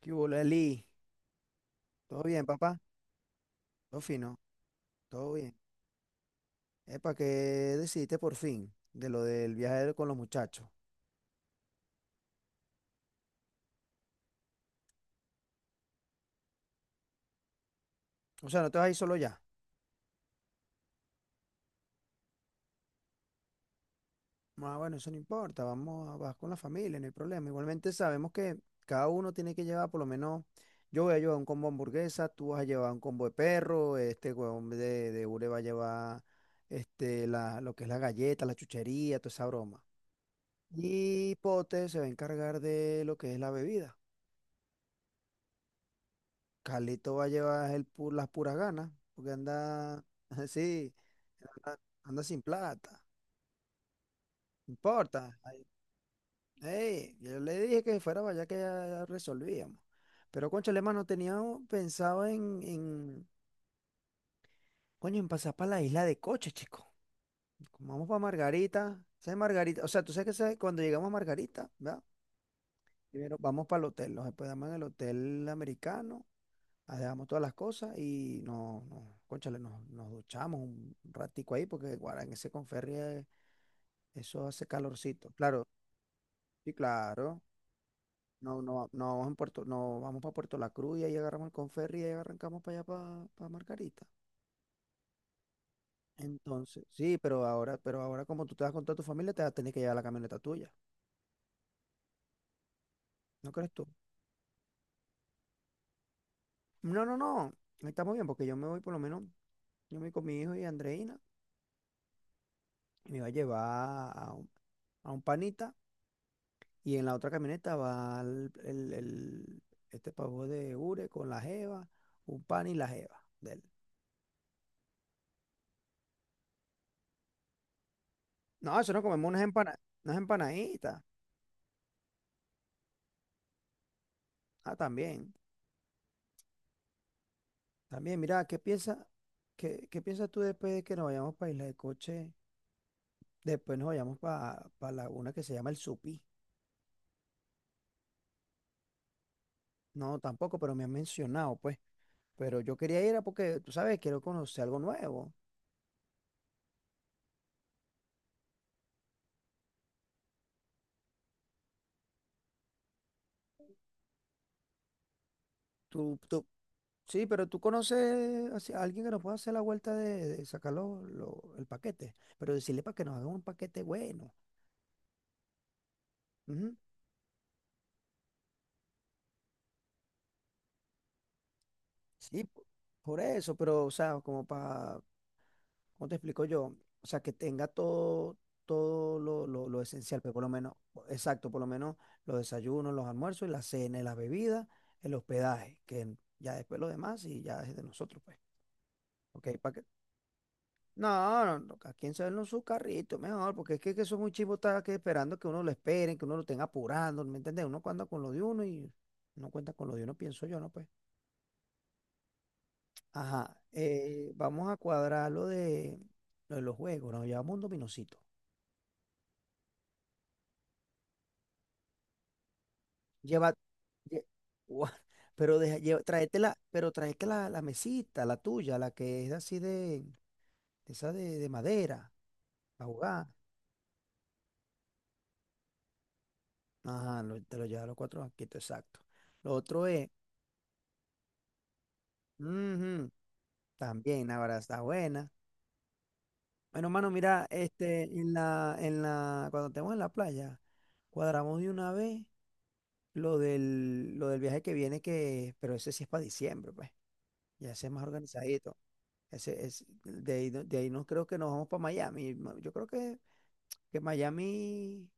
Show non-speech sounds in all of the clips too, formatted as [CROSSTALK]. ¿Qué hubo, Leli? ¿Todo bien, papá? Todo fino, todo bien. Epa, ¿qué decidiste por fin de lo del viaje con los muchachos? O sea, no te vas a ir solo ya. Ah, bueno, eso no importa, vamos a vas con la familia, no hay problema. Igualmente sabemos que cada uno tiene que llevar por lo menos, yo voy a llevar un combo de hamburguesa, tú vas a llevar un combo de perro, este huevón de Ure va a llevar este, la, lo que es la galleta, la chuchería, toda esa broma. Y Pote se va a encargar de lo que es la bebida. Calito va a llevar el las puras ganas, porque anda, [LAUGHS] sí, anda sin plata. No importa. Ay, ey, yo le dije que fuera para allá que ya, ya resolvíamos. Pero, cónchale, no teníamos pensado coño, en pasar para la isla de Coche, chico. Como vamos para Margarita. ¿Sabes Margarita? O sea, tú sabes que sabes, cuando llegamos a Margarita, ¿verdad? Primero vamos para el hotel, nos hospedamos en el hotel americano. Dejamos todas las cosas y no, cónchale, nos duchamos un ratico ahí porque guarda, en ese Conferri eso hace calorcito. Claro, sí, claro. No vamos en Puerto, no vamos para Puerto La Cruz y ahí agarramos el Conferri y ahí arrancamos para allá para Margarita. Entonces, sí, pero ahora como tú te vas con toda tu familia, te vas a tener que llevar la camioneta tuya. ¿No crees tú? No, no, no. Estamos bien porque yo me voy por lo menos, yo me voy con mi hijo y Andreina y me va a llevar a un panita. Y en la otra camioneta va este pavo de Ure con la jeva, un pan y la jeva de él. No, eso no comemos unas empanaditas. Ah, también. También, mira, qué, qué piensas tú después de que nos vayamos para Isla de Coche? Después nos vayamos para la una que se llama El Supí. No, tampoco, pero me han mencionado, pues. Pero yo quería ir a porque, tú sabes, quiero conocer algo nuevo. ¿Tú, tú, Sí, pero tú conoces así a alguien que nos pueda hacer la vuelta de sacar el paquete, pero decirle para que nos hagan un paquete bueno. Ujú. Sí, por eso, pero, o sea, como para, ¿cómo te explico yo? O sea, que tenga todo, todo lo, lo esencial, pero por lo menos, exacto, por lo menos los desayunos, los almuerzos, la cena, y las bebidas, el hospedaje, que ya después lo demás y ya es de nosotros, pues. Ok, no, no, no, cada quien sabe en su carrito, mejor, porque es que son un chivo está que esperando que uno lo esperen, que uno lo tenga apurando, ¿me entiendes? Uno cuenta con lo de uno y no cuenta con lo de uno, pienso yo, ¿no? Pues. Ajá, vamos a cuadrar lo de los juegos, nos llevamos un dominocito. Lleva, lle- [LAUGHS] ua, pero deja, lleva, pero tráete la, la mesita, la tuya, la que es así de, esa de madera, para jugar. Ajá, te lo lleva los cuatro banquitos, exacto. Lo otro es, ujú, también, ahora está buena. Bueno, mano, mira, este, cuando estemos en la playa, cuadramos de una vez lo del viaje que viene, que, pero ese sí es para diciembre, pues. Ya ese es más organizadito. Ese es, de ahí, de ahí no creo que nos vamos para Miami. Yo creo que Miami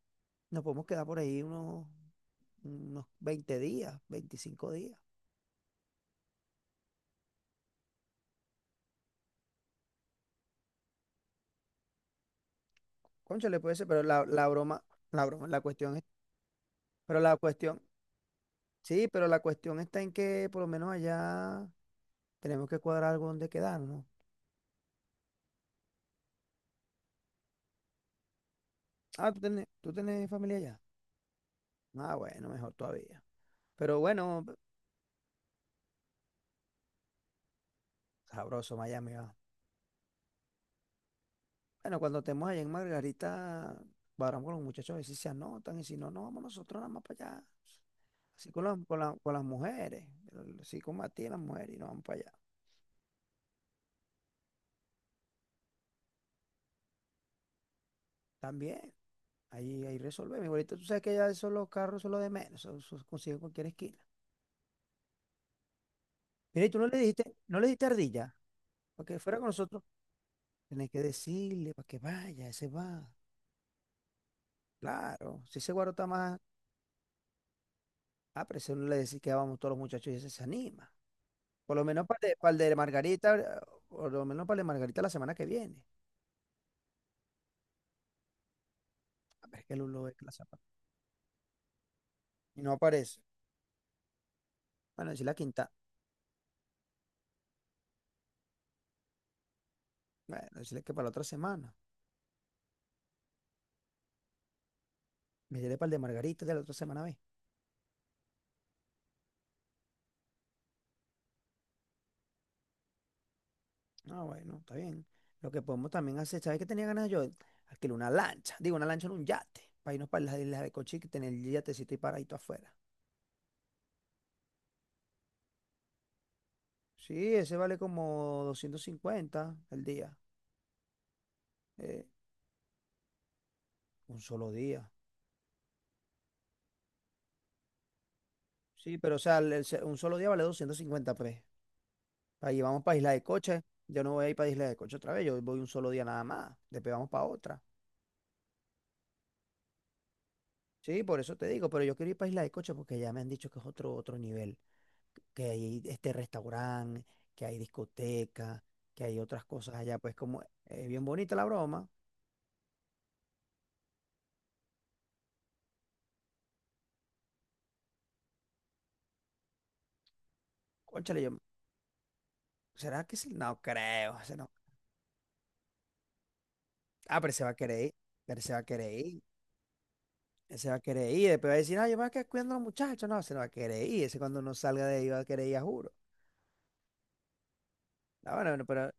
nos podemos quedar por ahí unos, unos 20 días, 25 días. Cónchale, puede ser, pero la broma, la broma, la cuestión es, pero la cuestión. Sí, pero la cuestión está en que por lo menos allá tenemos que cuadrar algo donde quedarnos. Ah, tú tenés familia allá? Ah, bueno, mejor todavía. Pero bueno, sabroso Miami va. Bueno, cuando estemos allá en Margarita, cuadramos con los muchachos a ver si se anotan y si no, no vamos nosotros nada más para allá. Así con las mujeres, así con Matías, y las mujeres y nos vamos para allá. También, ahí resolvemos. Igualito, tú sabes que ya esos los carros son los de menos, eso se consigue en cualquier esquina. Mira, y tú no le dijiste ardilla, porque fuera con nosotros. Tenés que decirle para que vaya, ese va. Claro, si ese guaro está más, ah, pero si uno le decís que vamos todos los muchachos y ese se anima. Por lo menos para el, de pa' el de Margarita, por lo menos para el de Margarita la semana que viene. A ver, es que Lulo es clase aparte. Y no aparece. Bueno, decirle la quinta. Bueno, decirle que para la otra semana. Me diré para el de Margarita de la otra semana, ve. Ah, bueno, está bien. Lo que podemos también hacer, ¿sabes qué tenía ganas yo? Alquilar una lancha, digo, una lancha en un yate, para irnos para las islas de Cochi, que tener el yatecito y paradito afuera. Sí, ese vale como 250 el día. eh, un solo día. Sí, pero o sea, un solo día vale 250 pues. Ahí vamos para Isla de Coche. Yo no voy a ir para Isla de Coche otra vez. Yo voy un solo día nada más. Después vamos para otra. Sí, por eso te digo, pero yo quiero ir para Isla de Coche porque ya me han dicho que es otro, otro nivel. Que hay este restaurante, que hay discoteca, que hay otras cosas allá. Pues como es bien bonita la broma. Cónchale, yo. ¿Será que sí? No creo. O sea, no. Ah, pero se va a querer ir. Pero se va a querer ir. Se va a querer ir, después va a decir, ah, yo me voy a quedar cuidando a los muchachos. No, se no va a querer ir. Ese cuando no salga de ahí va a querer ir, a juro. Ah, bueno, bueno, pero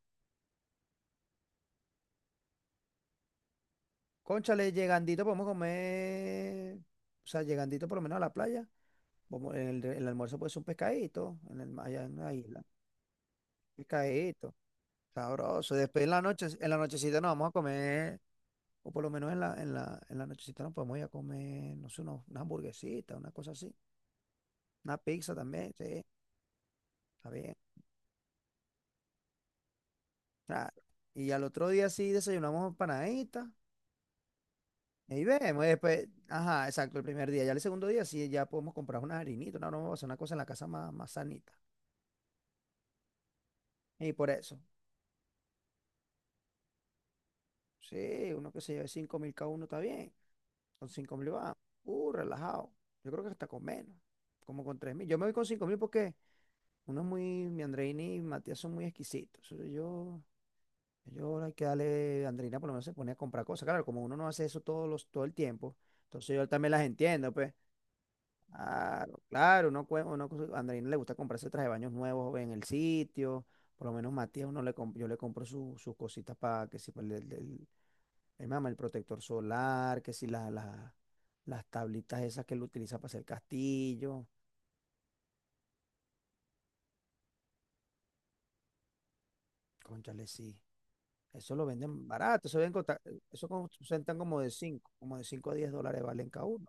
cónchale, llegandito podemos comer. O sea, llegandito por lo menos a la playa. Vamos, el almuerzo puede ser un pescadito en el, allá en la isla. Pescadito, sabroso. Después en la noche, en la nochecita nos vamos a comer, o por lo menos en la nochecita nos podemos ir a comer, no sé, una hamburguesita, una cosa así. Una pizza también, sí, está bien. Claro. Y al otro día sí desayunamos empanaditas. Ahí vemos, y después, ajá, exacto, el primer día. Ya el segundo día sí, ya podemos comprar unas harinitas, una broma, una cosa en la casa más, más sanita. Y por eso, sí, uno que se lleve 5.000 cada uno está bien. Con 5.000 va, relajado. Yo creo que hasta con menos, como con 3.000. Yo me voy con 5.000 porque uno es muy, mi Andreini y Matías son muy exquisitos. Eso yo, yo hay que darle, Andreina por lo menos se pone a comprar cosas. Claro, como uno no hace eso todos los, todo el tiempo, entonces yo también las entiendo, pues. Claro, claro, uno, cue- uno, cu- a Andreina le gusta comprarse traje de baños nuevos en el sitio, por lo menos Matías, yo le compro sus cositas para que si pa' el mama, el protector solar, que si las tablitas esas que él utiliza para hacer castillo, cónchale, sí, eso lo venden barato, eso, venden, eso cuentan como de 5 a 10 dólares valen cada uno,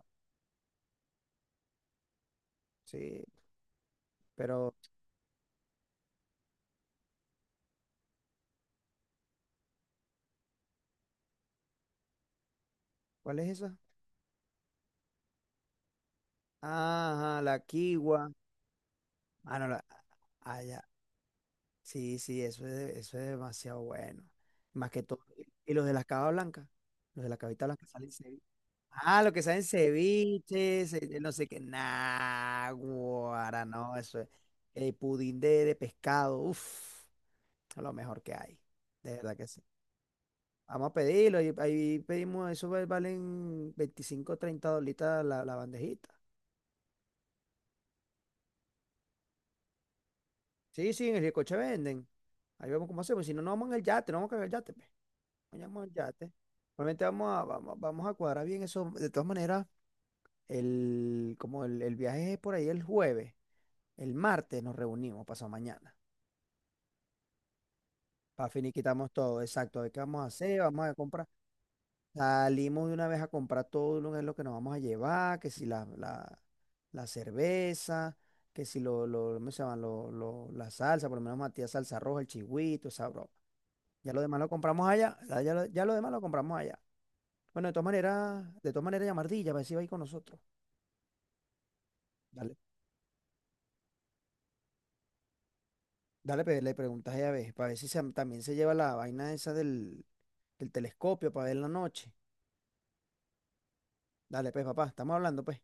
sí, pero ¿cuál es esa? Ajá, la Kiwa, ah, no, la, sí, sí, eso es, eso es demasiado bueno. Más que todo. ¿Y los de las cabas blancas? Los de la cabita blanca salen ceviche. Ah, los que salen ceviches, no sé qué. Nah, guara, no, eso es. El pudín de pescado, uff, lo mejor que hay. De verdad que sí. Vamos a pedirlo. Ahí pedimos, eso valen 25, 30 dolitas la, la bandejita. Sí, sí, en el Ricoche venden. Ahí vemos cómo hacemos. Si no, no vamos en el yate, no vamos a cagar el yate. Pe. Vayamos al yate. Realmente vamos a, vamos, vamos a cuadrar bien eso. De todas maneras, el, como el viaje es por ahí el jueves, el martes nos reunimos, pasado mañana. Para finiquitamos todo, exacto. A ver qué vamos a hacer, vamos a comprar. Salimos de una vez a comprar todo lo que es lo que nos vamos a llevar, que si la, la, la cerveza, que si lo, lo, ¿cómo se llama? La salsa, por lo menos Matías salsa roja, el chigüito, esa broma. Ya lo demás lo compramos allá, ya lo demás lo compramos allá. Bueno, de todas maneras llamardilla, a ver si va ahí con nosotros. Dale, dale, le preguntas ella a ver, para ver si también se lleva la vaina esa del, del telescopio para ver la noche. Dale, pues, papá, estamos hablando, pues.